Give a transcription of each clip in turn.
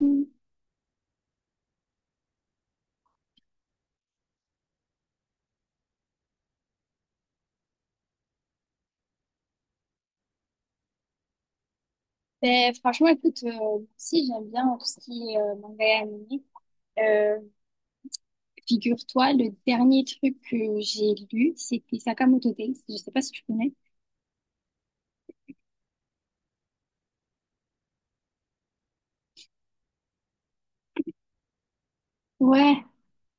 Mm. Ben, franchement, écoute, moi aussi j'aime bien tout ce qui est manga et animé. Euh, Figure-toi, le dernier truc que j'ai lu, c'était Sakamoto Days. Je sais pas si tu connais. Ouais,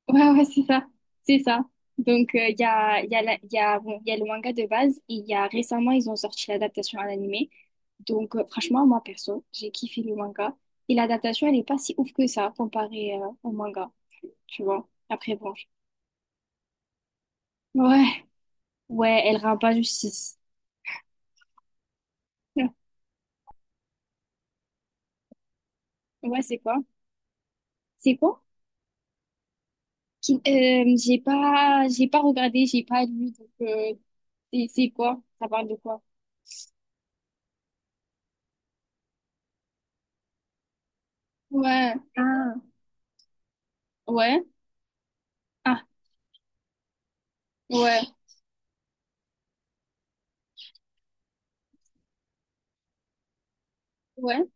ouais, ouais, c'est ça. C'est ça. Donc, il y a, la- il y a, bon, il y a le manga de base et il y a récemment, ils ont sorti l'adaptation à l'animé. Donc, franchement, moi, perso, j'ai kiffé le manga. Et l'adaptation, elle est pas si ouf que ça comparée au manga, tu vois. Après, bon. Ouais, ouais, elle rend pas justice. Ouais, c'est quoi? C'est quoi? J'ai pas regardé, j'ai pas lu, donc c'est quoi? Ça parle de quoi? Ouais. Ah. Ouais. Ah. Ouais. Ouais.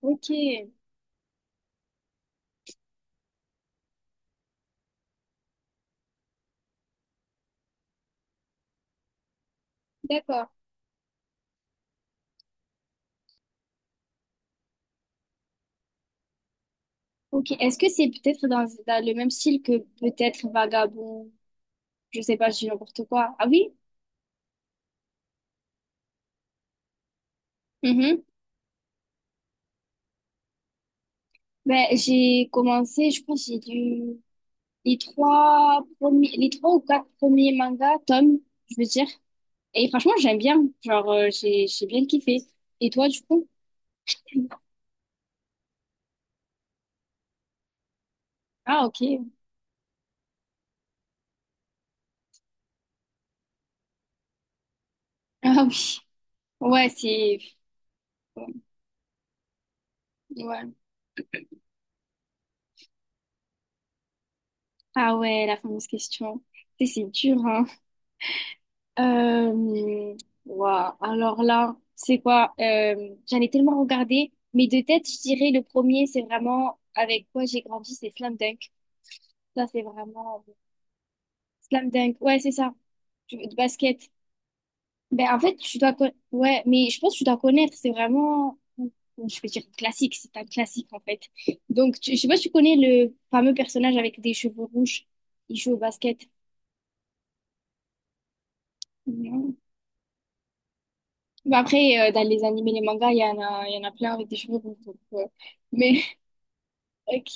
Ok. D'accord. Ok. Est-ce que c'est peut-être dans le même style que peut-être Vagabond? Je sais pas, je dis n'importe quoi. Ah oui? Mhm. Ben, j'ai commencé, je pense, j'ai lu les trois premiers, les trois ou quatre premiers mangas, tomes, je veux dire. Et franchement, j'aime bien. Genre, j'ai bien kiffé. Et toi, du coup? Ah, ok. Ah oui. Ouais, c'est... Ouais. Ah ouais, la fameuse question. C'est dur, hein. Euh... Waouh. Alors là, c'est quoi? J'en ai tellement regardé. Mais de tête, je dirais le premier, c'est vraiment avec quoi j'ai grandi, c'est Slam Dunk. Ça, c'est vraiment... Slam Dunk. Ouais, c'est ça. De basket. Ben, en fait, ouais, mais je pense que tu dois connaître, c'est vraiment, je vais dire classique, c'est un classique en fait. Donc, je sais pas si tu connais le fameux personnage avec des cheveux rouges, il joue au basket. Non. Ben, après, dans les animés, les mangas, il y en a plein avec des cheveux rouges. Donc, Mais, ok.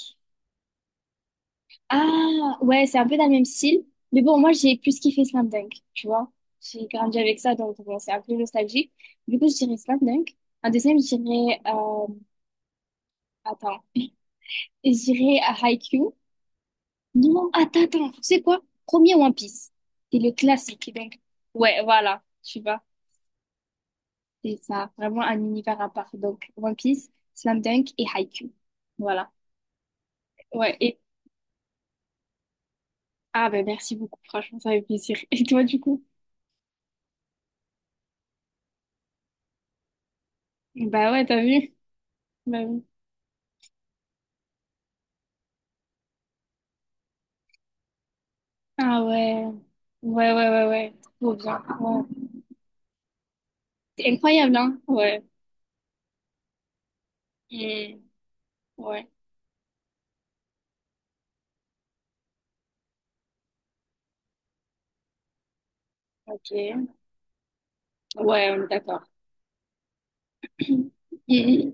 Ah, ouais, c'est un peu dans le même style. Mais bon, moi, j'ai plus kiffé Slam Dunk, tu vois. J'ai grandi avec ça, donc bon, c'est un peu nostalgique. Du coup, je dirais Slam Dunk. Un deuxième, je dirais, attends. J'irai à Haikyuu. Non, attends, tu sais quoi? Premier One Piece. C'est le classique, donc. Ouais, voilà, tu vois. C'est ça, vraiment un univers à part. Donc, One Piece, Slam Dunk et Haikyuu. Voilà. Ouais, et... Ah ben merci beaucoup, franchement, ça fait plaisir. Et toi, du coup? Bah ouais, t'as vu? Bah oui. Ah ouais. Ouais, ouais, ouais, ouais. Trop bien. Ouais. C'est incroyable, hein? Ouais. Mm. Ouais. Ok. Ouais, on est d'accord. Mhm. Ouais,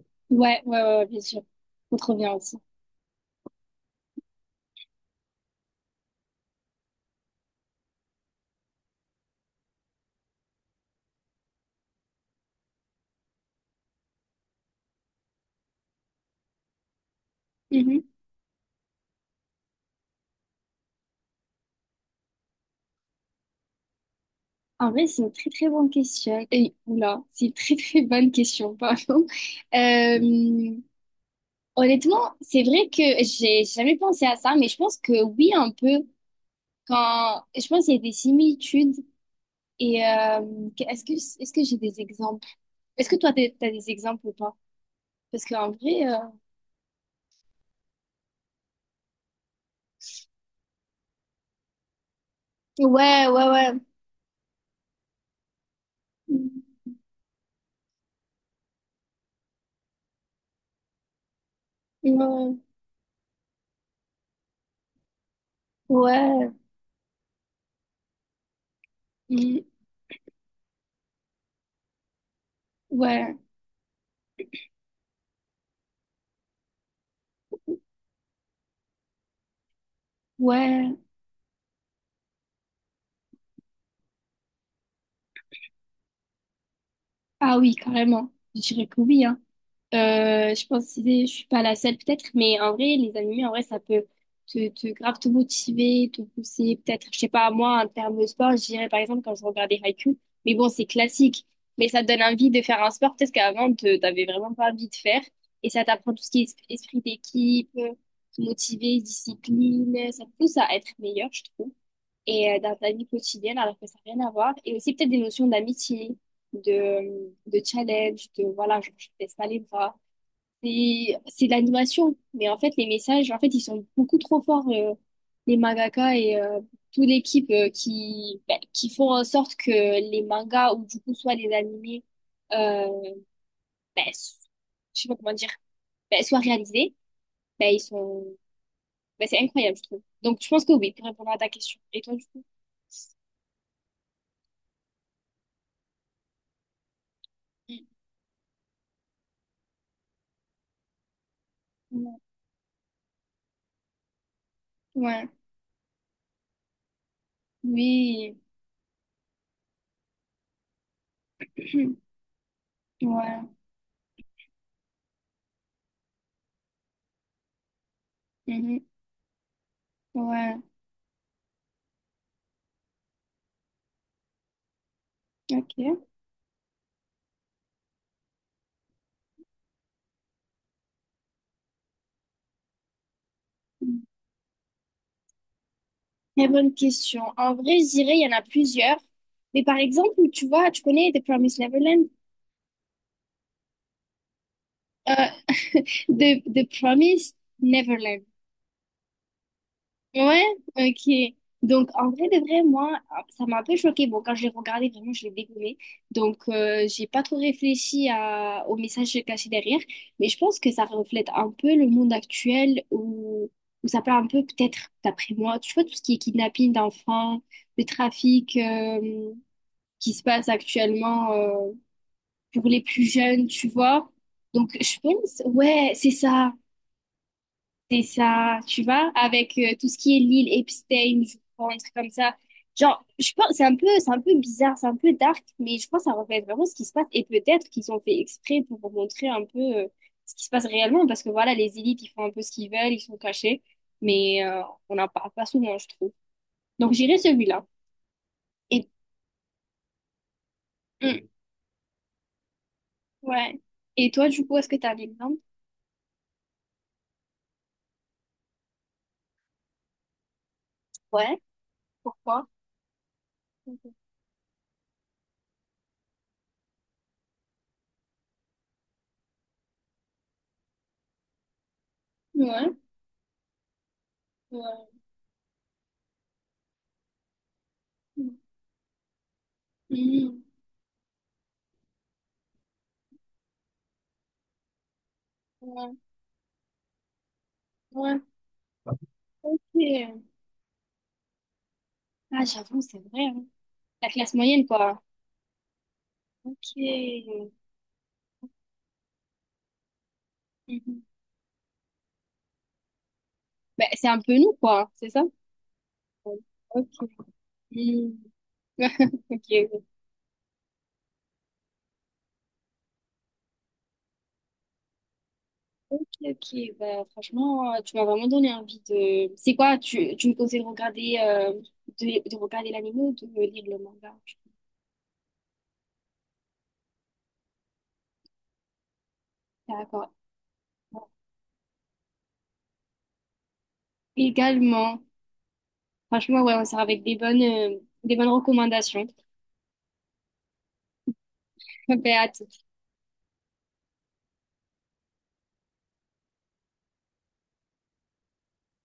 ouais, ouais, ouais, bien sûr. On trop bien aussi. Mhm. En vrai, c'est une très très bonne question. Et, oula, c'est une très très bonne question, pardon. Euh, honnêtement, c'est vrai que j'ai jamais pensé à ça, mais je pense que oui, un peu. Quand... Je pense qu'il y a des similitudes. Et est-ce que j'ai des exemples? Est-ce que toi, t'as des exemples ou pas? Parce qu'en vrai, ouais, ouais, ouais. Mhm. Ouais, ouais. Mhm. Ouais, ouais. Ah oui, carrément. Je dirais que oui, hein. Je pense que c'est- je suis pas la seule peut-être, mais en vrai, les animés, en vrai, ça peut te grave te motiver, te pousser. Peut-être, je sais pas, moi, en termes de sport, je dirais par exemple quand je regardais Haikyuu, mais bon, c'est classique. Mais ça te donne envie de faire un sport peut-être qu'avant, t'avais vraiment pas envie de faire. Et ça t'apprend tout ce qui est esprit d'équipe, te motiver, discipline. Ça te pousse à être meilleur, je trouve et dans ta vie quotidienne alors que ça n'a rien à voir. Et aussi peut-être des notions d'amitié, de challenge, de voilà, genre, je ne baisse pas les bras. C'est de l'animation, mais en fait les messages, en fait ils sont beaucoup trop forts, les mangaka et toute l'équipe qui, ben, qui font en sorte que les mangas ou du coup soit les animés, euh, ben, je sais pas comment dire, ben, soient réalisés, ben, ils sont, ben, c'est incroyable je trouve. Donc je pense que oui, pour répondre à ta question. Et toi du coup? Mm. Ouais, oui, ouais, mhm, ouais, ok. Très bonne question. En vrai, je dirais, il y en a plusieurs. Mais par exemple, tu vois, tu connais The Promised Neverland? Euh, The Promised Neverland. Ouais, ok. Donc, en vrai de vrai, moi, ça m'a un peu choquée. Bon, quand je l'ai regardé, vraiment, je l'ai dégommé. Donc, j'ai pas trop réfléchi à, au message caché derrière. Mais je pense que ça reflète un peu le monde actuel où ça parle un peu, peut-être, d'après moi, tu vois, tout ce qui est kidnapping d'enfants, le trafic qui se passe actuellement pour les plus jeunes, tu vois. Donc, je pense, ouais, c'est ça. C'est ça, tu vois, avec tout ce qui est l'île Epstein, je crois, un truc comme ça. Genre, je pense, c'est un peu, bizarre, c'est un peu dark, mais je pense que ça reflète vraiment ce qui se passe. Et peut-être qu'ils ont fait exprès pour vous montrer un peu ce qui se passe réellement, parce que voilà, les élites, ils font un peu ce qu'ils veulent, ils sont cachés, mais on n'en parle pas souvent, je trouve. Donc j'irai celui-là. Et, hum, ouais. Et toi, du coup, est-ce que t'as un exemple? Ouais, pourquoi? Ouais, ouais, hum, ouais, ouais. Ok. Ah, j'avoue, c'est vrai, hein. La classe moyenne, quoi. Ok. Mhm. Bah, c'est un peu nous, quoi, hein, c'est ça? Oui. Ok. Mhm. Ok, ok, ok. Bah, franchement, tu m'as vraiment donné envie de. C'est quoi? Tu me conseilles de regarder, de regarder l'anime ou de lire le manga? D'accord. Également. Franchement, ouais, on sera avec des bonnes recommandations. Bah, à tout.